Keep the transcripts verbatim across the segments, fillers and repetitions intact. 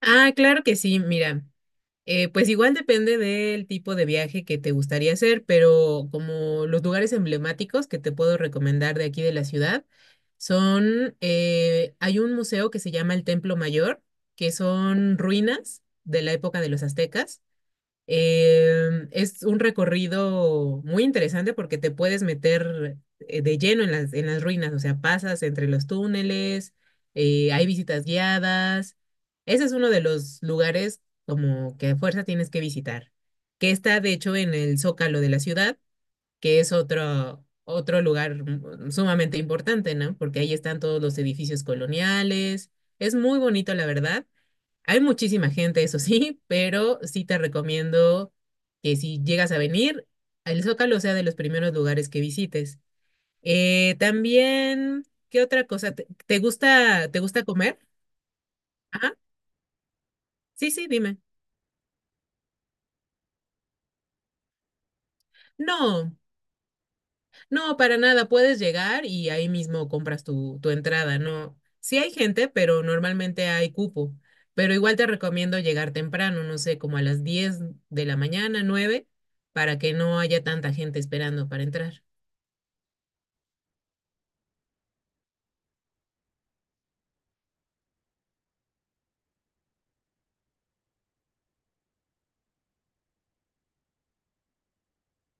Ah, claro que sí, mira, eh, pues igual depende del tipo de viaje que te gustaría hacer, pero como los lugares emblemáticos que te puedo recomendar de aquí de la ciudad son, eh, hay un museo que se llama el Templo Mayor, que son ruinas de la época de los aztecas. Em, es un recorrido muy interesante porque te puedes meter eh, de lleno en las, en las ruinas, o sea, pasas entre los túneles, eh, hay visitas guiadas. Ese es uno de los lugares como que a fuerza tienes que visitar, que está de hecho en el Zócalo de la ciudad, que es otro, otro lugar mm, sumamente importante, ¿no? Porque ahí están todos los edificios coloniales. Es muy bonito, la verdad. Hay muchísima gente, eso sí, pero sí te recomiendo que si llegas a venir, el Zócalo sea de los primeros lugares que visites. Eh, también, ¿qué otra cosa? ¿Te, te gusta, te gusta comer? Ajá. Sí, sí, dime. No, no, para nada. Puedes llegar y ahí mismo compras tu, tu entrada, ¿no? Sí hay gente, pero normalmente hay cupo. Pero igual te recomiendo llegar temprano, no sé, como a las diez de la mañana, nueve, para que no haya tanta gente esperando para entrar.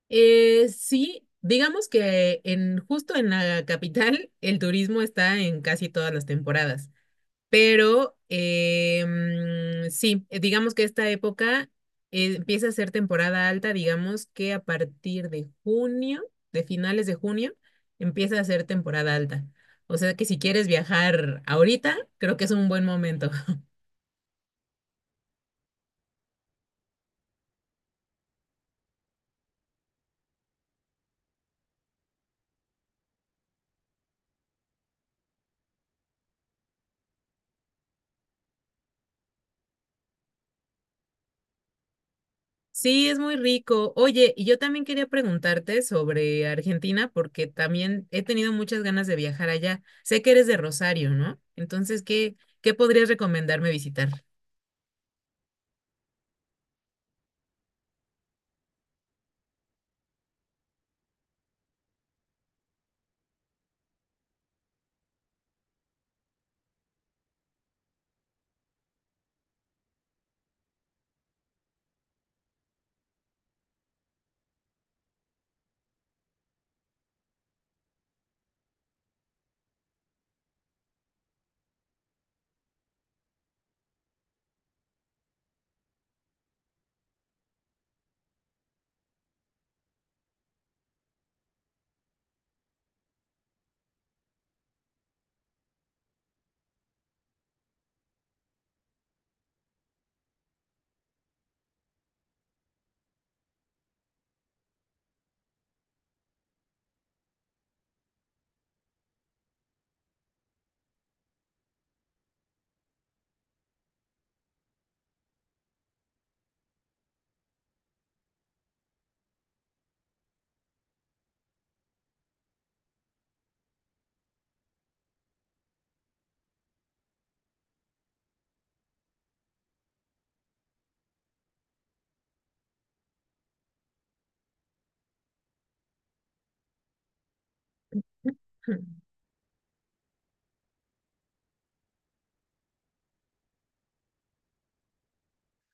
Eh, sí, digamos que en justo en la capital el turismo está en casi todas las temporadas, pero eh, mm, sí, eh, digamos que esta época eh, empieza a ser temporada alta, digamos que a partir de junio, de finales de junio, empieza a ser temporada alta. O sea que si quieres viajar ahorita, creo que es un buen momento. Sí, es muy rico. Oye, y yo también quería preguntarte sobre Argentina porque también he tenido muchas ganas de viajar allá. Sé que eres de Rosario, ¿no? Entonces, ¿qué, qué podrías recomendarme visitar?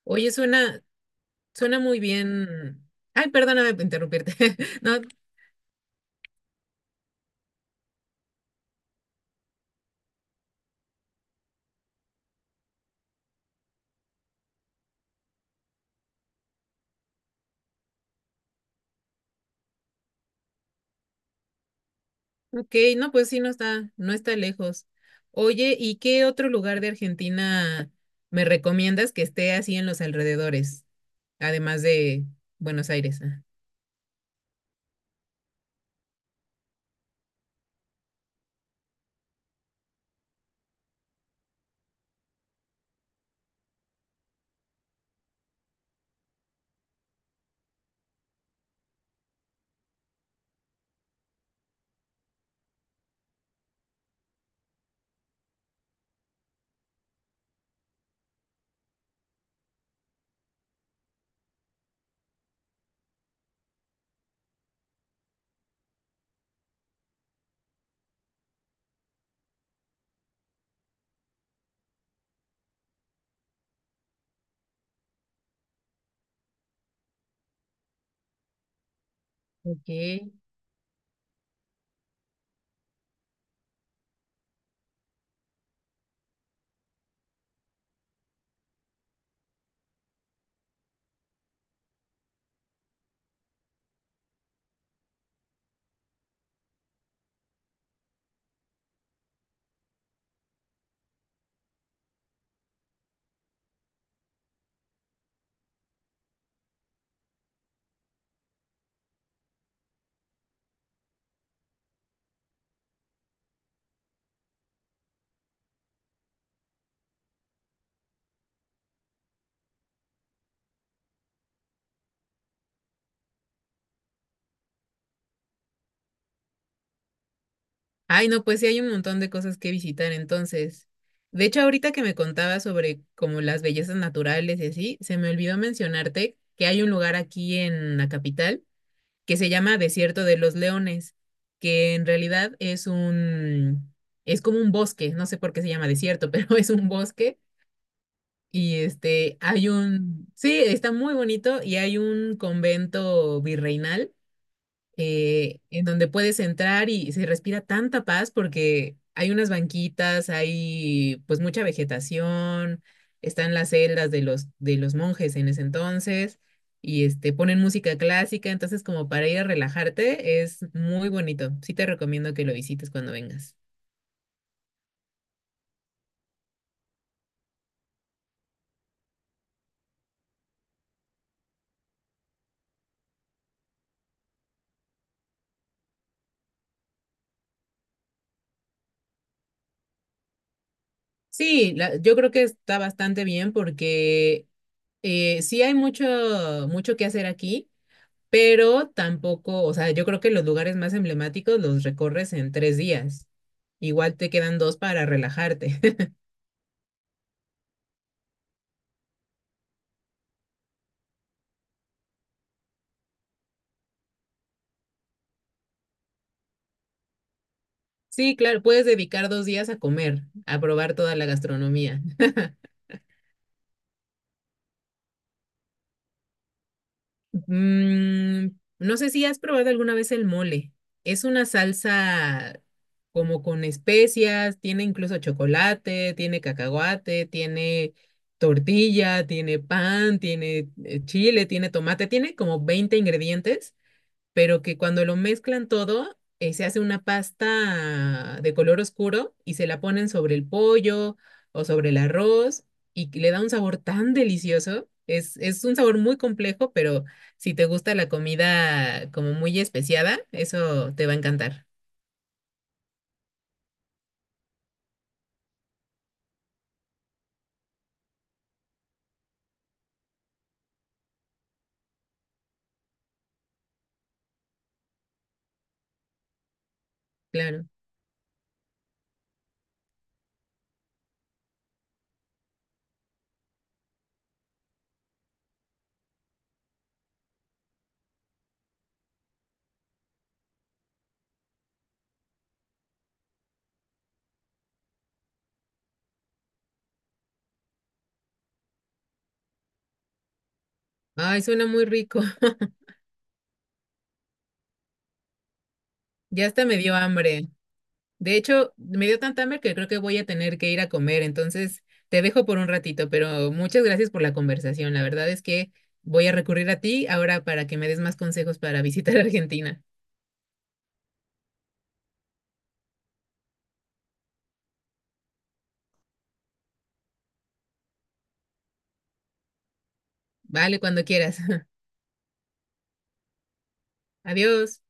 Oye, suena, suena muy bien. Ay, perdóname por interrumpirte. No, ok, no, pues sí, no está, no está lejos. Oye, ¿y qué otro lugar de Argentina me recomiendas que esté así en los alrededores, además de Buenos Aires? ¿Ah? Ok. Ay, no, pues sí hay un montón de cosas que visitar entonces. De hecho, ahorita que me contabas sobre como las bellezas naturales y así, se me olvidó mencionarte que hay un lugar aquí en la capital que se llama Desierto de los Leones, que en realidad es un, es como un bosque, no sé por qué se llama desierto, pero es un bosque y este, hay un, sí, está muy bonito y hay un convento virreinal eh, en donde puedes entrar y se respira tanta paz porque hay unas banquitas, hay pues mucha vegetación, están las celdas de los, de los monjes en ese entonces y este, ponen música clásica, entonces como para ir a relajarte es muy bonito. Sí te recomiendo que lo visites cuando vengas. Sí, la- yo creo que está bastante bien porque eh, sí hay mucho, mucho que hacer aquí pero tampoco, o sea, yo creo que los lugares más emblemáticos los recorres en tres días. Igual te quedan dos para relajarte. Sí, claro, puedes dedicar dos días a comer, a probar toda la gastronomía. Mm, no sé si has probado alguna vez el mole. Es una salsa como con especias, tiene incluso chocolate, tiene cacahuate, tiene tortilla, tiene pan, tiene eh, chile, tiene tomate, tiene como veinte ingredientes pero que cuando lo mezclan todo, eh, se hace una pasta de color oscuro y se la ponen sobre el pollo o sobre el arroz y que le da un sabor tan delicioso. Es, es un sabor muy complejo, pero si te gusta la comida como muy especiada, eso te va a encantar. Claro. Ay, suena muy rico. Ya hasta me dio hambre. De hecho, me dio tanta hambre que creo que voy a tener que ir a comer, entonces te dejo por un ratito, pero muchas gracias por la conversación. La verdad es que voy a recurrir a ti ahora para que me des más consejos para visitar Argentina. Vale, cuando quieras. Adiós.